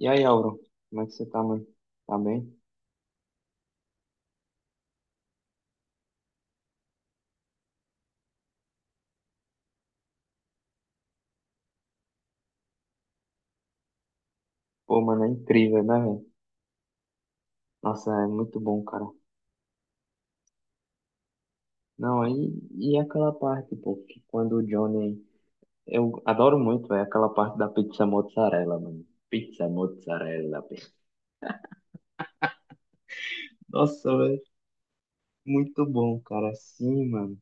E aí, Auro, como é que você tá, mano? Tá bem? Pô, mano, é incrível, né, velho? Nossa, é muito bom, cara. Não, aí, e aquela parte, pô, que quando o Johnny. Eu adoro muito, velho, aquela parte da pizza mozzarella, mano. Pizza mozzarella, pô. Nossa, velho, muito bom, cara. Sim, mano.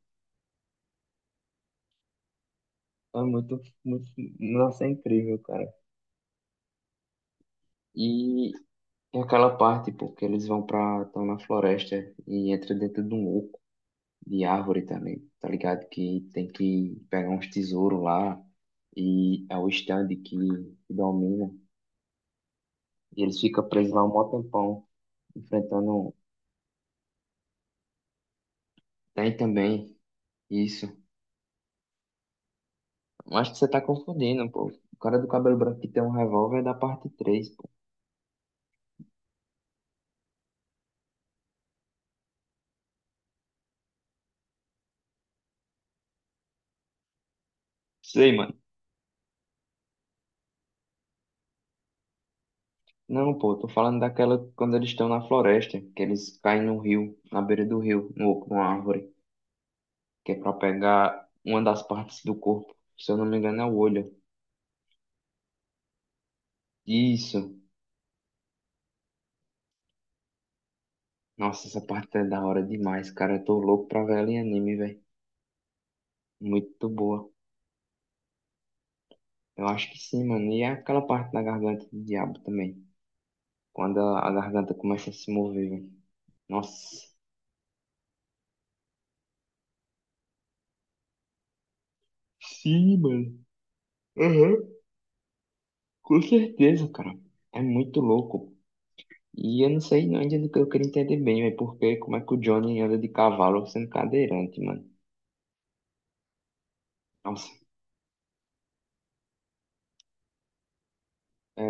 É muito, muito. Nossa, é incrível, cara. E, aquela parte, pô, que eles vão pra. Estão na floresta e entra dentro de um oco. De árvore também, tá ligado? Que tem que pegar uns tesouros lá e é o stand que domina. E eles ficam presos lá um mó tempão, enfrentando. Tem também isso. Eu acho que você tá confundindo, pô. O cara do cabelo branco que tem um revólver é da parte três, pô. Sei, mano. Não, pô, tô falando daquela quando eles estão na floresta, que eles caem no rio, na beira do rio, no, numa árvore, que é pra pegar uma das partes do corpo. Se eu não me engano, é o olho. Isso. Nossa, essa parte é da hora demais, cara. Eu tô louco pra ver ela em anime, velho. Muito boa. Eu acho que sim, mano. E é aquela parte da garganta do diabo também. Quando a garganta começa a se mover, velho. Nossa. Sim, mano. Aham. Com certeza, cara. É muito louco. E eu não sei não, que eu queria entender bem, velho. Porque como é que o Johnny anda de cavalo sendo cadeirante, mano? Nossa. É,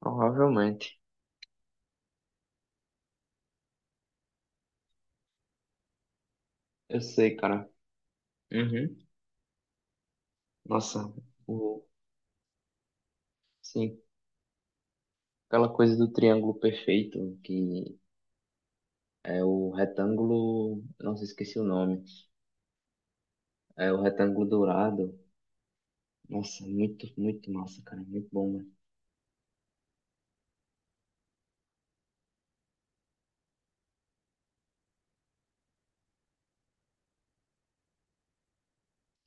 provavelmente. Eu sei, cara. Uhum. Nossa. O... Sim. Aquela coisa do triângulo perfeito, que é o retângulo. Nossa, esqueci o nome. É o retângulo dourado. Nossa, muito, muito massa, cara. Muito bom, mano.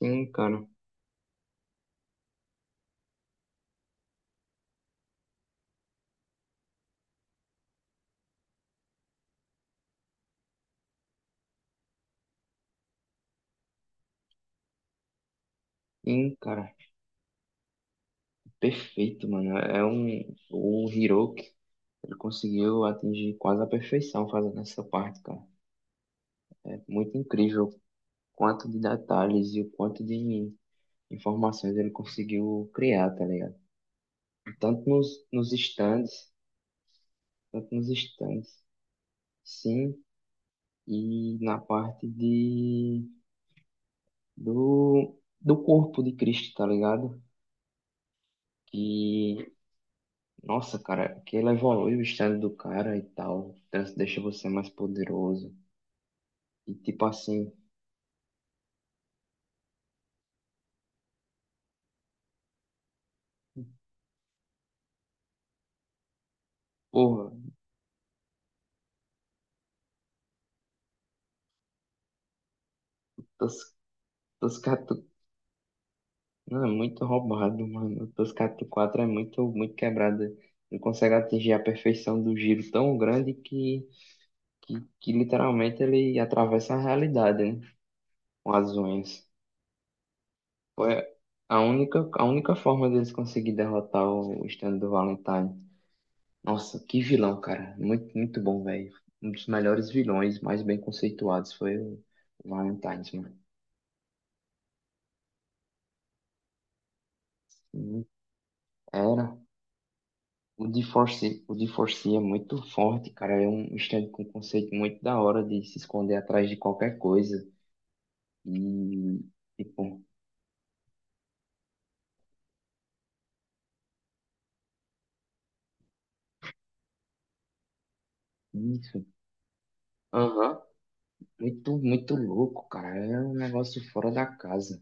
Sim, cara. Sim, cara. Perfeito, mano. É um. O Hiroki, ele conseguiu atingir quase a perfeição fazendo essa parte, cara. É muito incrível o quanto de detalhes e o quanto de informações ele conseguiu criar, tá ligado? Tanto nos stands, tanto nos stands. Sim, e na parte de do, do corpo de Cristo, tá ligado? Que, nossa, cara, que ela evolui o estado do cara e tal, deixa você mais poderoso. E tipo assim, porra, Tos- Toscato, não, é muito roubado, mano. Toscato 4 é muito, muito quebrada. Não consegue atingir a perfeição do giro tão grande que, que literalmente ele atravessa a realidade, né? Com as unhas. Foi a única forma deles conseguir derrotar o stand do Valentine. Nossa, que vilão, cara. Muito, muito bom, velho. Um dos melhores vilões, mais bem conceituados, foi o Valentine, mano. Hum. Era. O D4C, o D4C é muito forte, cara. É um stand com um conceito muito da hora de se esconder atrás de qualquer coisa. E, tipo, isso. Aham. Muito, muito louco, cara. É um negócio fora da casa.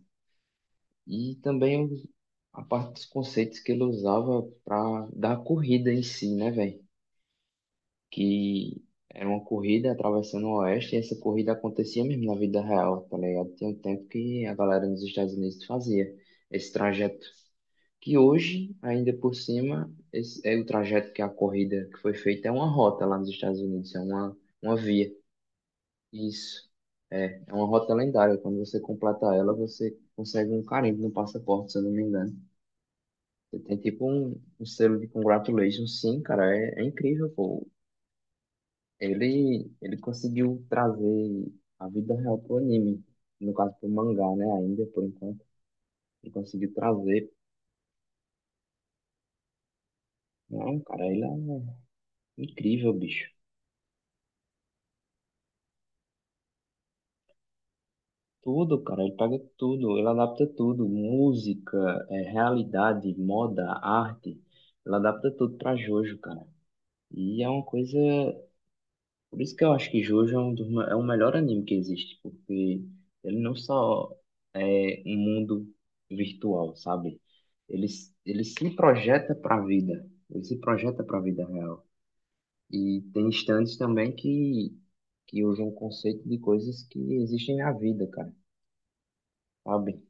E também a parte dos conceitos que ele usava para dar a corrida em si, né, velho? Que era uma corrida atravessando o Oeste e essa corrida acontecia mesmo na vida real, tá ligado? Tem um tempo que a galera nos Estados Unidos fazia esse trajeto. Que hoje, ainda por cima, esse é o trajeto que a corrida que foi feita é uma rota lá nos Estados Unidos, é uma via. Isso. É, é uma rota lendária. Quando você completa ela, você consegue um carimbo no passaporte, se eu não me engano. Você tem tipo um, um selo de congratulations, sim, cara, é, é incrível, pô. Ele conseguiu trazer a vida real pro anime, no caso pro mangá, né, ainda, por enquanto. Ele conseguiu trazer. Não, cara, ele é incrível, bicho. Tudo, cara, ele pega tudo, ele adapta tudo, música, é, realidade, moda, arte, ele adapta tudo pra Jojo, cara. E é uma coisa. Por isso que eu acho que Jojo é um dos, é o melhor anime que existe, porque ele não só é um mundo virtual, sabe? Ele, ele se projeta para a vida, ele se projeta para a vida real. E tem instantes também que usam o conceito de coisas que existem na vida, cara, sabe?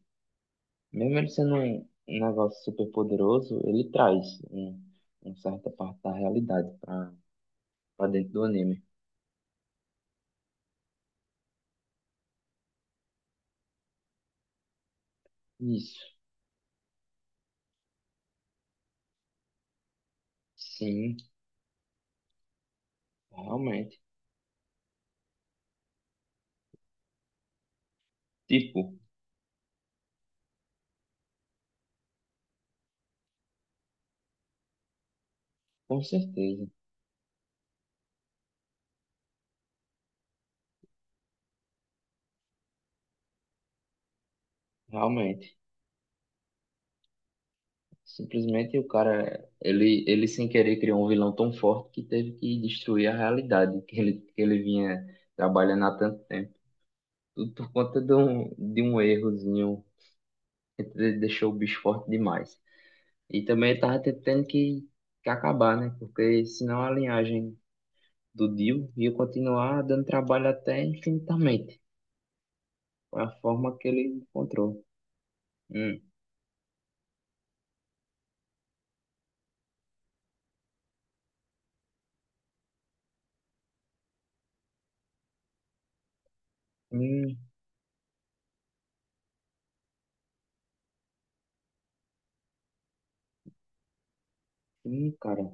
Mesmo ele sendo um, um negócio super poderoso, ele traz um, uma certa parte da realidade para dentro do anime. Isso, sim, realmente. Tipo, com certeza, realmente. Simplesmente o cara, ele sem querer criou um vilão tão forte que teve que destruir a realidade que ele vinha trabalhando há tanto tempo. Tudo por conta de um errozinho que deixou o bicho forte demais. E também ele tava tendo que acabar, né? Porque senão a linhagem do Dio ia continuar dando trabalho até infinitamente. Foi a forma que ele encontrou. Hum, hum, cara,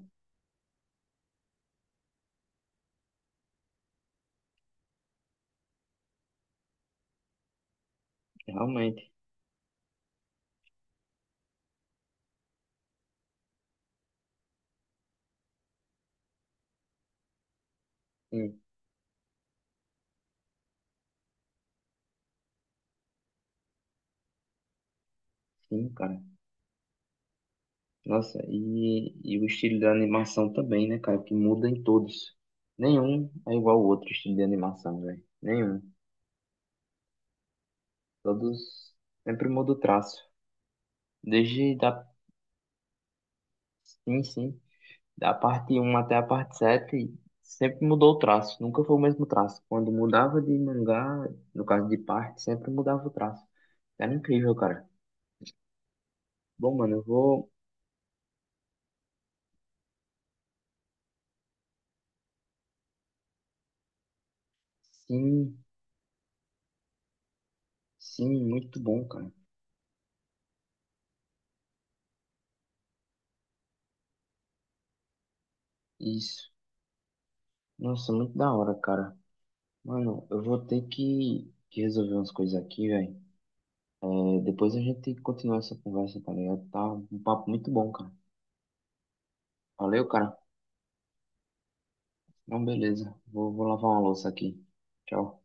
realmente. Hum, sim, cara. Nossa, e o estilo da animação também, né, cara? Que muda em todos. Nenhum é igual ao outro estilo de animação, velho. Nenhum. Todos sempre muda o traço. Desde da, sim, sim, da parte um até a parte 7 sempre mudou o traço. Nunca foi o mesmo traço. Quando mudava de mangá, no caso de parte, sempre mudava o traço. Era incrível, cara. Bom, mano, eu vou. Sim, sim, muito bom, cara. Isso. Nossa, muito da hora, cara. Mano, eu vou ter que, resolver umas coisas aqui, velho. É, depois a gente continua essa conversa, tá ligado? Tá um papo muito bom, cara. Valeu, cara. Então, beleza. Vou lavar uma louça aqui. Tchau.